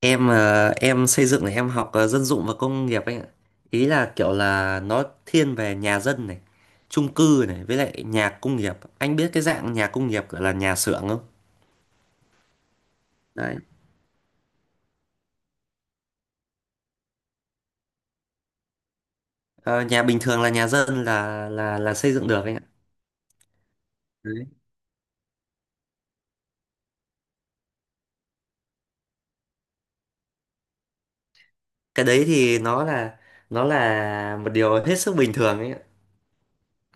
Em xây dựng này em học dân dụng và công nghiệp anh ạ. Ý là kiểu là nó thiên về nhà dân này, chung cư này, với lại nhà công nghiệp. Anh biết cái dạng nhà công nghiệp gọi là nhà xưởng không? Đấy. Ờ, Nhà bình thường là nhà dân là xây dựng được anh ạ. Đấy. Cái đấy thì nó là một điều hết sức bình thường ấy ạ.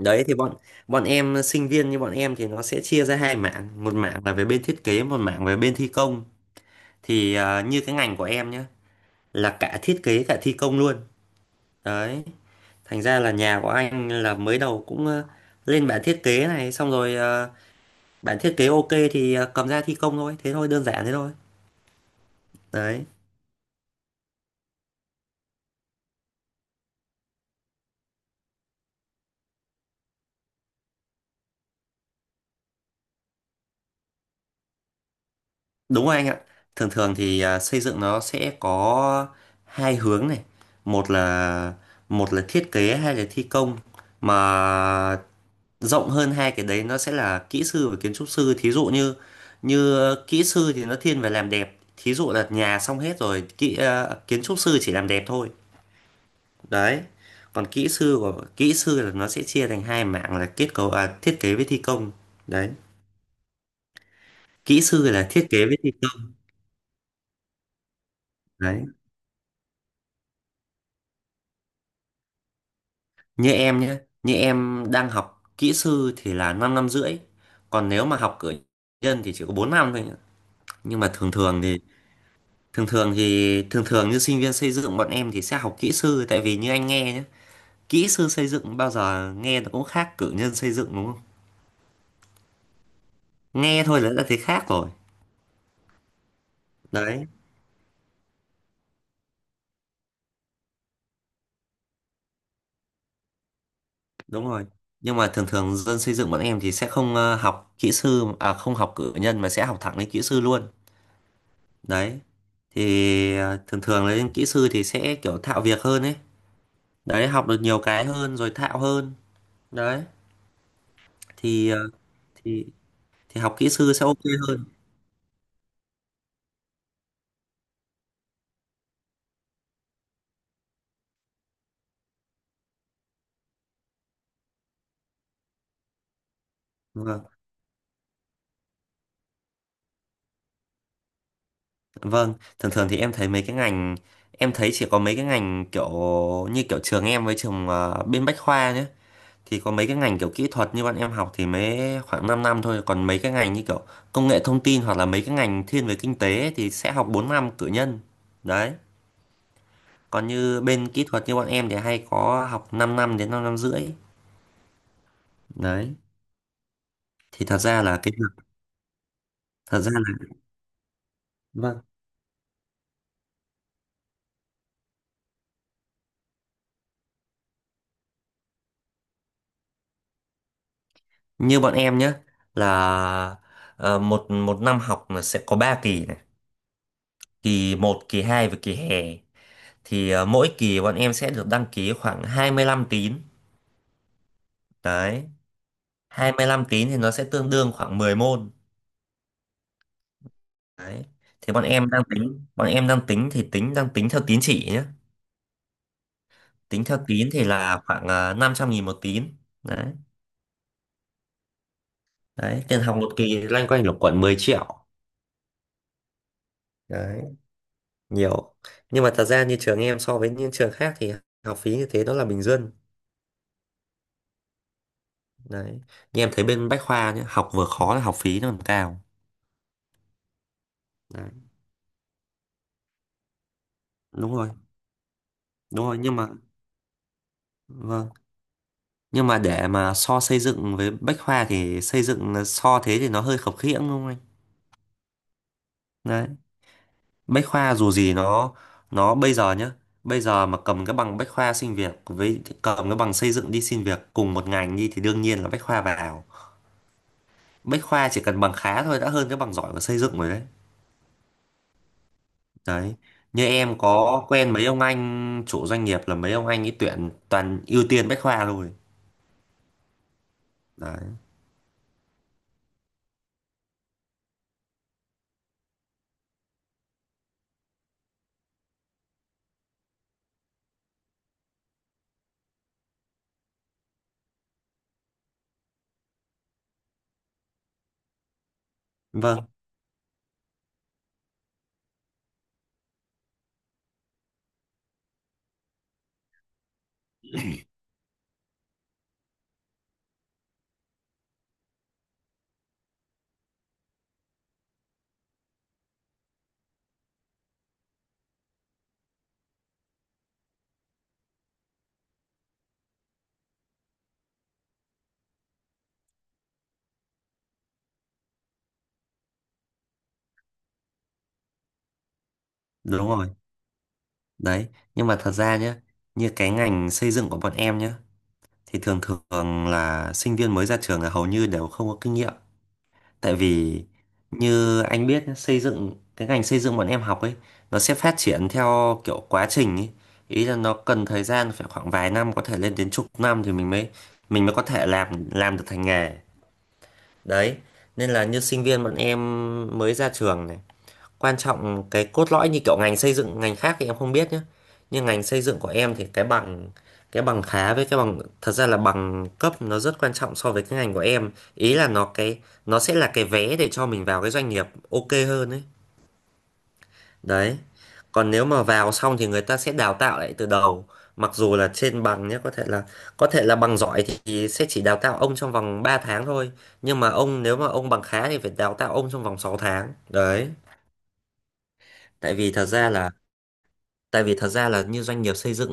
Đấy, thì bọn bọn em, sinh viên như bọn em thì nó sẽ chia ra hai mảng, một mảng là về bên thiết kế, một mảng về bên thi công. Thì như cái ngành của em nhé là cả thiết kế cả thi công luôn. Đấy, thành ra là nhà của anh là mới đầu cũng lên bản thiết kế này, xong rồi bản thiết kế ok thì cầm ra thi công thôi, thế thôi, đơn giản thế thôi. Đấy, đúng rồi anh ạ. Thường thường thì xây dựng nó sẽ có hai hướng này, một là một là thiết kế hay là thi công, mà rộng hơn hai cái đấy nó sẽ là kỹ sư và kiến trúc sư. Thí dụ như như kỹ sư thì nó thiên về làm đẹp, thí dụ là nhà xong hết rồi, kiến trúc sư chỉ làm đẹp thôi. Đấy, còn kỹ sư của kỹ sư là nó sẽ chia thành hai mảng là kết cấu, à, thiết kế với thi công. Đấy, kỹ sư là thiết kế với thi công. Đấy, như em nhé, như em đang học kỹ sư thì là 5 năm rưỡi, còn nếu mà học cử nhân thì chỉ có 4 năm thôi nhá. Nhưng mà thường thường thì thường thường thì thường thường như sinh viên xây dựng bọn em thì sẽ học kỹ sư, tại vì như anh nghe nhé, kỹ sư xây dựng bao giờ nghe nó cũng khác cử nhân xây dựng đúng không? Nghe thôi là đã thấy khác rồi. Đấy. Đúng rồi, nhưng mà thường thường dân xây dựng bọn em thì sẽ không học kỹ sư, à không, học cử nhân mà sẽ học thẳng lên kỹ sư luôn. Đấy, thì thường thường lên kỹ sư thì sẽ kiểu thạo việc hơn ấy. Đấy, học được nhiều cái hơn rồi thạo hơn. Đấy, thì ờ, thì thì học kỹ sư sẽ ok hơn. Vâng. Vâng, thường thường thì em thấy mấy cái ngành, em thấy chỉ có mấy cái ngành kiểu như kiểu trường em với trường bên Bách Khoa nhé. Thì có mấy cái ngành kiểu kỹ thuật như bọn em học thì mới khoảng 5 năm thôi, còn mấy cái ngành như kiểu công nghệ thông tin hoặc là mấy cái ngành thiên về kinh tế ấy thì sẽ học 4 năm cử nhân. Đấy. Còn như bên kỹ thuật như bọn em thì hay có học 5 năm đến 5 năm rưỡi. Đấy. Thì thật ra là cái việc thật ra là... Vâng, như bọn em nhé, là một một năm học là sẽ có 3 kỳ này, kỳ một, kỳ 2 và kỳ hè. Thì mỗi kỳ bọn em sẽ được đăng ký khoảng 25 tín. Đấy, 25 tín thì nó sẽ tương đương khoảng 10 môn. Đấy. Thì bọn em đang tính thì tính theo tín chỉ nhé. Tính theo tín thì là khoảng, à, 500.000 một tín. Đấy. Đấy, tiền học một kỳ loanh quanh lục quận 10 triệu. Đấy, nhiều. Nhưng mà thật ra như trường em so với những trường khác thì học phí như thế nó là bình dân. Đấy. Như em thấy bên Bách Khoa nhé, học vừa khó là học phí nó còn cao. Đấy. Đúng rồi, đúng rồi, nhưng mà vâng. Nhưng mà để mà so xây dựng với Bách Khoa thì xây dựng là so thế thì nó hơi khập khiễng đúng không anh? Đấy. Bách Khoa dù gì nó bây giờ nhá, bây giờ mà cầm cái bằng Bách Khoa xin việc với cầm cái bằng xây dựng đi xin việc cùng một ngành đi thì đương nhiên là Bách Khoa vào. Bách Khoa chỉ cần bằng khá thôi đã hơn cái bằng giỏi của xây dựng rồi đấy. Đấy. Như em có quen mấy ông anh chủ doanh nghiệp là mấy ông anh ấy tuyển toàn ưu tiên Bách Khoa rồi. Đấy. Vâng, đúng rồi. Đấy, nhưng mà thật ra nhé, như cái ngành xây dựng của bọn em nhé, thì thường thường là sinh viên mới ra trường là hầu như đều không có kinh nghiệm. Tại vì như anh biết nhá, xây dựng, cái ngành xây dựng bọn em học ấy, nó sẽ phát triển theo kiểu quá trình ấy. Ý là nó cần thời gian phải khoảng vài năm, có thể lên đến chục năm thì mình mới có thể làm được thành nghề. Đấy, nên là như sinh viên bọn em mới ra trường này, quan trọng cái cốt lõi như kiểu ngành xây dựng, ngành khác thì em không biết nhé, nhưng ngành xây dựng của em thì cái bằng, cái bằng khá với cái bằng, thật ra là bằng cấp nó rất quan trọng so với cái ngành của em. Ý là nó, cái nó sẽ là cái vé để cho mình vào cái doanh nghiệp ok hơn ấy. Đấy. Còn nếu mà vào xong thì người ta sẽ đào tạo lại từ đầu, mặc dù là trên bằng nhé, có thể là bằng giỏi thì sẽ chỉ đào tạo ông trong vòng 3 tháng thôi, nhưng mà ông, nếu mà ông bằng khá thì phải đào tạo ông trong vòng 6 tháng. Đấy, tại vì thật ra là... Tại vì thật ra là như doanh nghiệp xây dựng,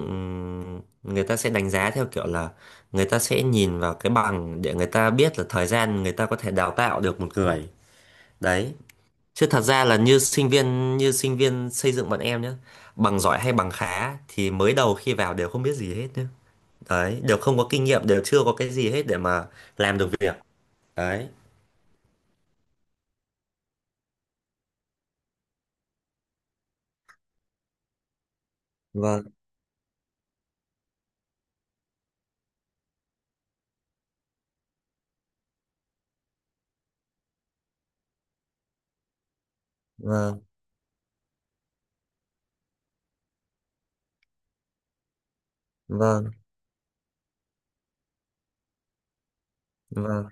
người ta sẽ đánh giá theo kiểu là người ta sẽ nhìn vào cái bằng để người ta biết là thời gian người ta có thể đào tạo được một người. Đấy. Chứ thật ra là như sinh viên, như sinh viên xây dựng bọn em nhé, bằng giỏi hay bằng khá thì mới đầu khi vào đều không biết gì hết nhé. Đấy, đều không có kinh nghiệm, đều chưa có cái gì hết để mà làm được việc. Đấy. Vâng, vâng, vâng, vâng.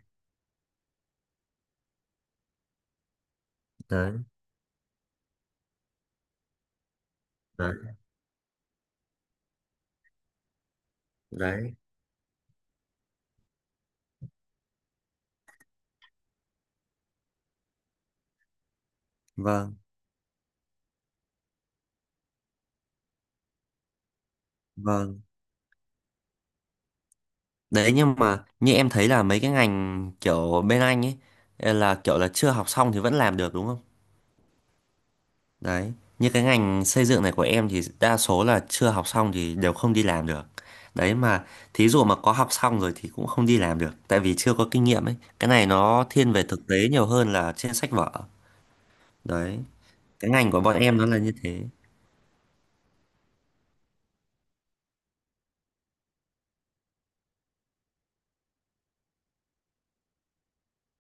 Đấy, đấy, đấy. Vâng, vâng. Đấy, nhưng mà như em thấy là mấy cái ngành kiểu bên anh ấy, eh, là kiểu là chưa học xong thì vẫn làm được đúng không? Đấy, như cái ngành xây dựng này của em thì đa số là chưa học xong thì đều không đi làm được. Đấy mà thí dụ mà có học xong rồi thì cũng không đi làm được tại vì chưa có kinh nghiệm ấy. Cái này nó thiên về thực tế nhiều hơn là trên sách vở. Đấy, cái ngành của bọn em nó là như thế.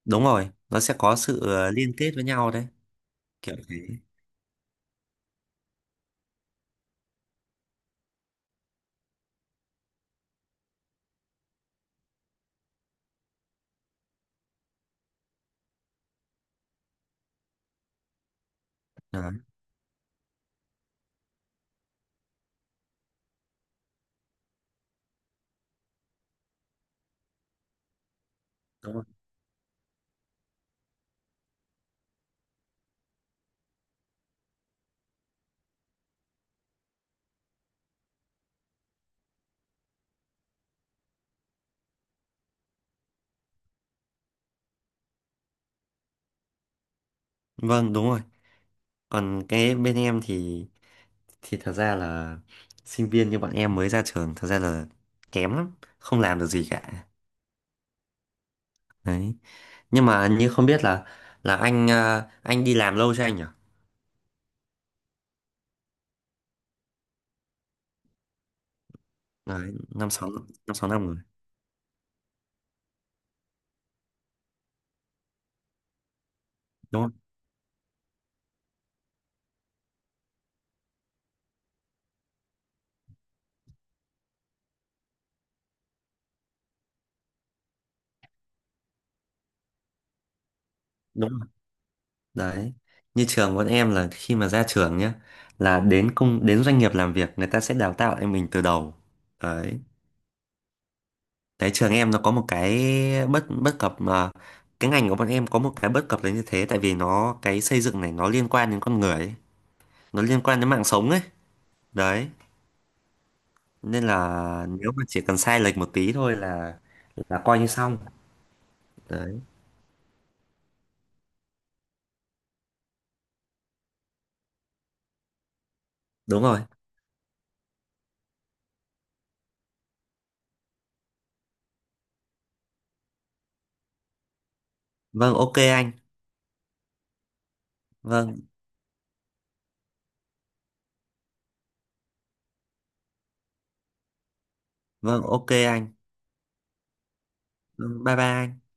Đúng rồi, nó sẽ có sự liên kết với nhau đấy, kiểu thế. Đấy, đúng rồi. Vâng, đúng rồi. Còn cái bên em thì thật ra là sinh viên như bọn em mới ra trường thật ra là kém lắm, không làm được gì cả. Đấy, nhưng mà, như không biết là anh, à, anh đi làm lâu chưa anh nhỉ? Đấy, năm sáu năm rồi. Đúng không đúng rồi. Đấy, như trường bọn em là khi mà ra trường nhá là đến công, đến doanh nghiệp làm việc người ta sẽ đào tạo em mình từ đầu. Đấy. Đấy, trường em nó có một cái bất bất cập mà, cái ngành của bọn em có một cái bất cập là như thế, tại vì nó, cái xây dựng này nó liên quan đến con người ấy, nó liên quan đến mạng sống ấy. Đấy, nên là nếu mà chỉ cần sai lệch một tí thôi là coi như xong. Đấy, đúng rồi. Vâng, ok anh. Vâng. Vâng, ok anh. Vâng, bye bye anh.